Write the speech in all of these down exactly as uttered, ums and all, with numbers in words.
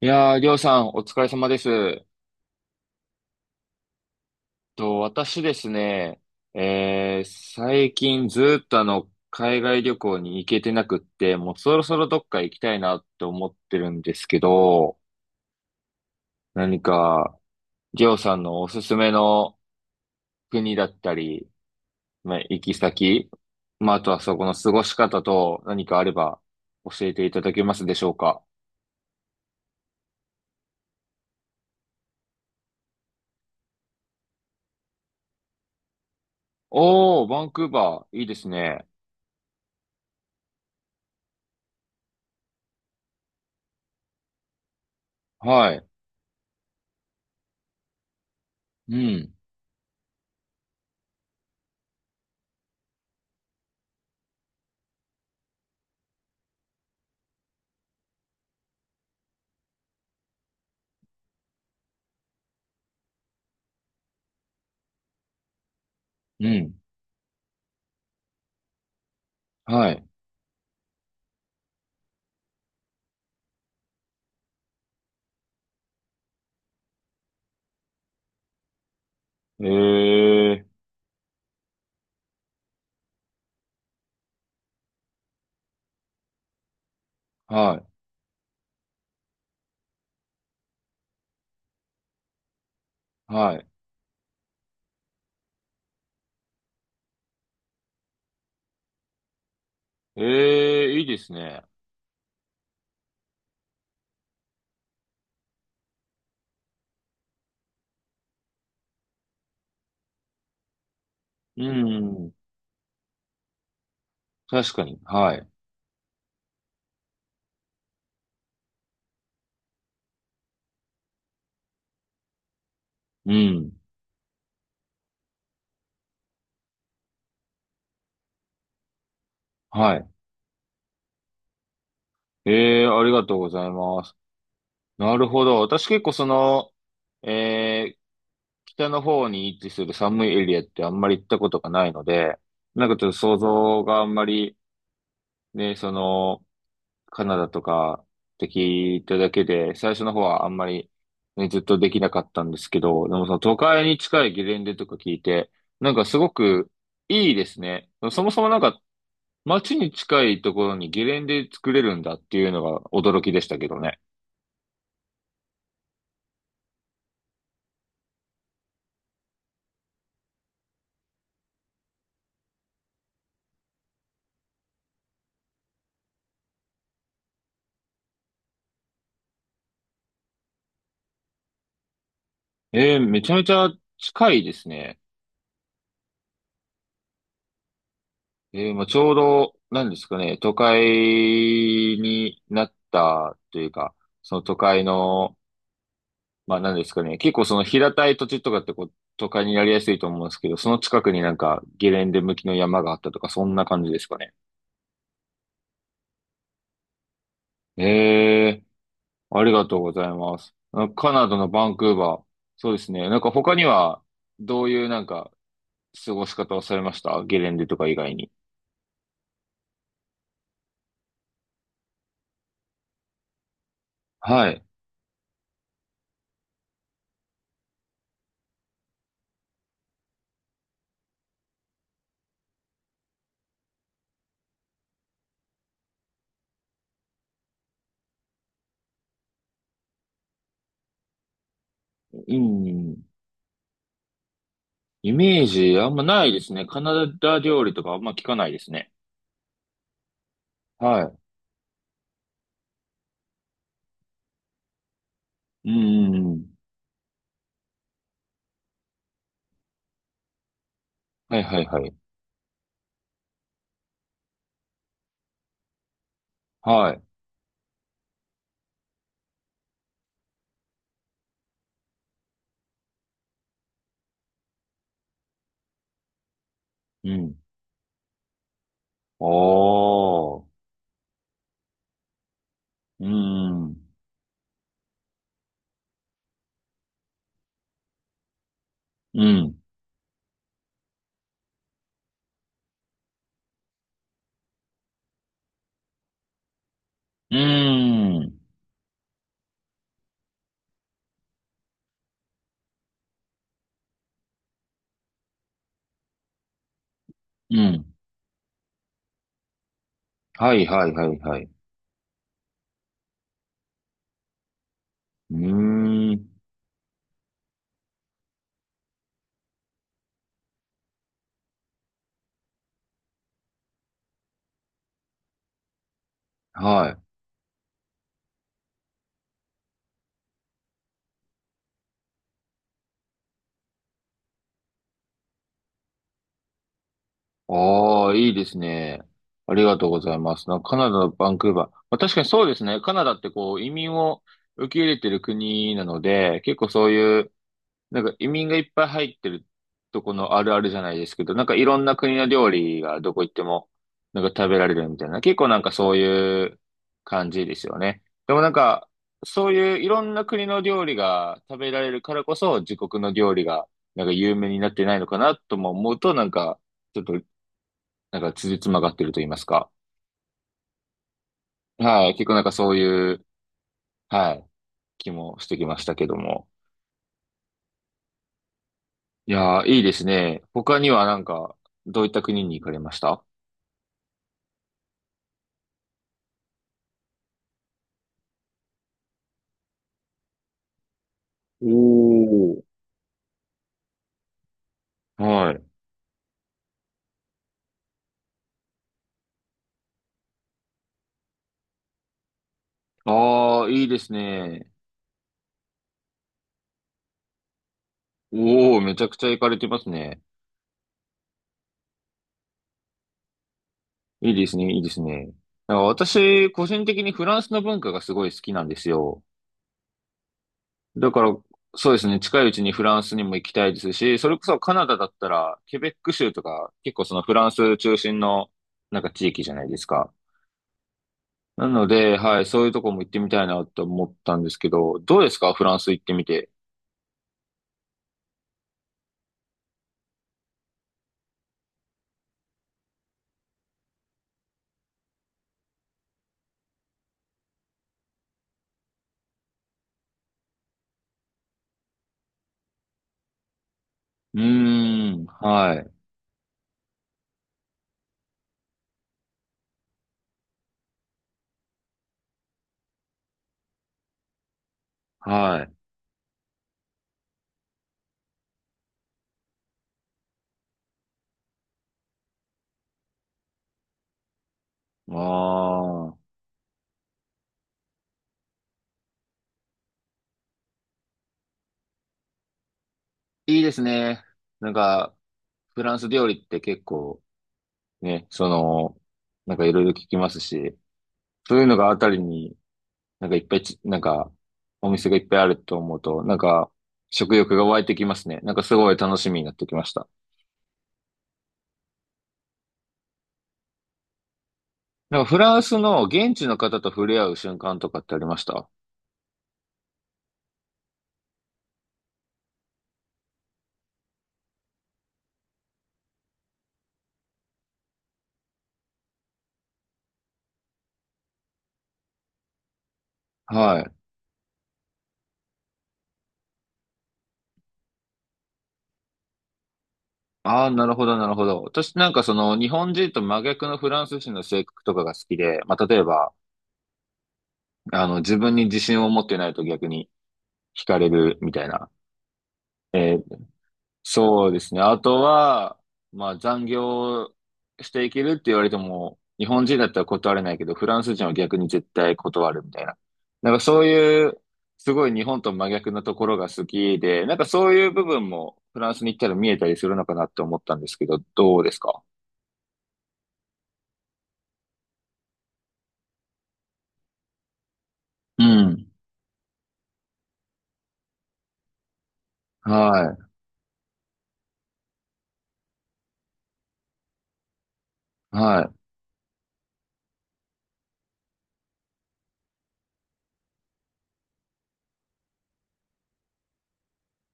いやー、りょうさん、お疲れ様です。えっと、私ですね、えー、最近ずーっとあの、海外旅行に行けてなくって、もうそろそろどっか行きたいなって思ってるんですけど、何か、りょうさんのおすすめの国だったり、まあ、行き先、まあ、あとはそこの過ごし方と何かあれば教えていただけますでしょうか。おー、バンクーバー、いいですね。はい。うん、うん、はい。えー。はい、はい。ええ、いいですね。うん、確かに。はい。うん、はい。ええ、ありがとうございます。なるほど。私結構その、ええ北の方に位置する寒いエリアってあんまり行ったことがないので、なんかちょっと想像があんまり、ね、その、カナダとかって聞いただけで、最初の方はあんまり、ね、ずっとできなかったんですけど、でもその都会に近いゲレンデとか聞いて、なんかすごくいいですね。そもそもなんか街に近いところにゲレンデ作れるんだっていうのが驚きでしたけどね。えー、めちゃめちゃ近いですね。えー、まあ、ちょうど、なんですかね、都会になったというか、その都会のまあ何ですかね。結構その平たい土地とかってこう、都会になりやすいと思うんですけど、その近くになんかゲレンデ向きの山があったとか、そんな感じですかね。ええ、ありがとうございます。あカナダのバンクーバー。そうですね。なんか他には、どういうなんか過ごし方をされましたゲレンデとか以外に。はい。うん。イメージあんまないですね。カナダ料理とかあんま聞かないですね。はい。うんうんうん。はいはいはい。はい。うん。ああ。うーん。うん。うーん。うん。はいはいはいはい。うーん。はい。ああ、いいですね。ありがとうございます。なカナダのバンクーバー。まあ、確かにそうですね。カナダってこう移民を受け入れてる国なので、結構そういうなんか移民がいっぱい入ってるとこのあるあるじゃないですけど、なんかいろんな国の料理がどこ行ってもなんか食べられるみたいな、結構なんかそういう感じですよね。でもなんか、そういういろんな国の料理が食べられるからこそ、自国の料理がなんか有名になってないのかなとも思うと、なんか、ちょっと、なんか辻褄が合ってると言いますか。はい、結構なんかそういう、はい、気もしてきましたけども。いやー、いいですね。他にはなんか、どういった国に行かれました？おー。はい。ああ、いいですね。おお、めちゃくちゃ行かれてますね。いいですね、いいですね。なんか私、個人的にフランスの文化がすごい好きなんですよ。だから、そうですね、近いうちにフランスにも行きたいですし、それこそカナダだったら、ケベック州とか、結構そのフランス中心の、なんか地域じゃないですか。なので、はい、そういうとこも行ってみたいなと思ったんですけど、どうですかフランス行ってみて？うーん、はい、はい。ああ。いいですね。なんか、フランス料理って結構ね、その、なんかいろいろ聞きますし、そういうのがあたりになんかいっぱいち、なんかお店がいっぱいあると思うと、なんか食欲が湧いてきますね。なんかすごい楽しみになってきました。なんかフランスの現地の方と触れ合う瞬間とかってありました？はい。ああ、なるほど、なるほど。私なんかその日本人と真逆のフランス人の性格とかが好きで、まあ例えば、あの自分に自信を持ってないと逆に惹かれるみたいな。えーそうですね。あとは、まあ残業していけるって言われても、日本人だったら断れないけど、フランス人は逆に絶対断るみたいな。なんかそういう、すごい日本と真逆なところが好きで、なんかそういう部分もフランスに行ったら見えたりするのかなって思ったんですけど、どうですか？うん。はい。はい。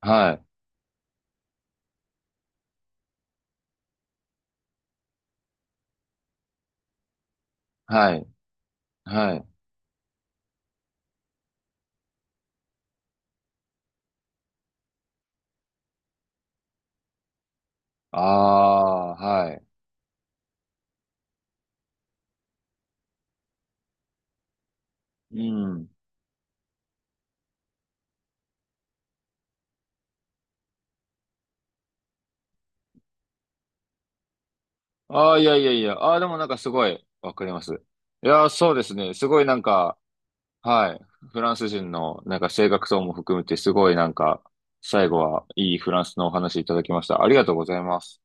はい。はい。はい。ああ、はい。うん。ああ、いやいやいや。ああ、でもなんかすごいわかります。いやー、そうですね。すごいなんか、はい。フランス人のなんか性格等も含めてすごいなんか、最後はいいフランスのお話いただきました。ありがとうございます。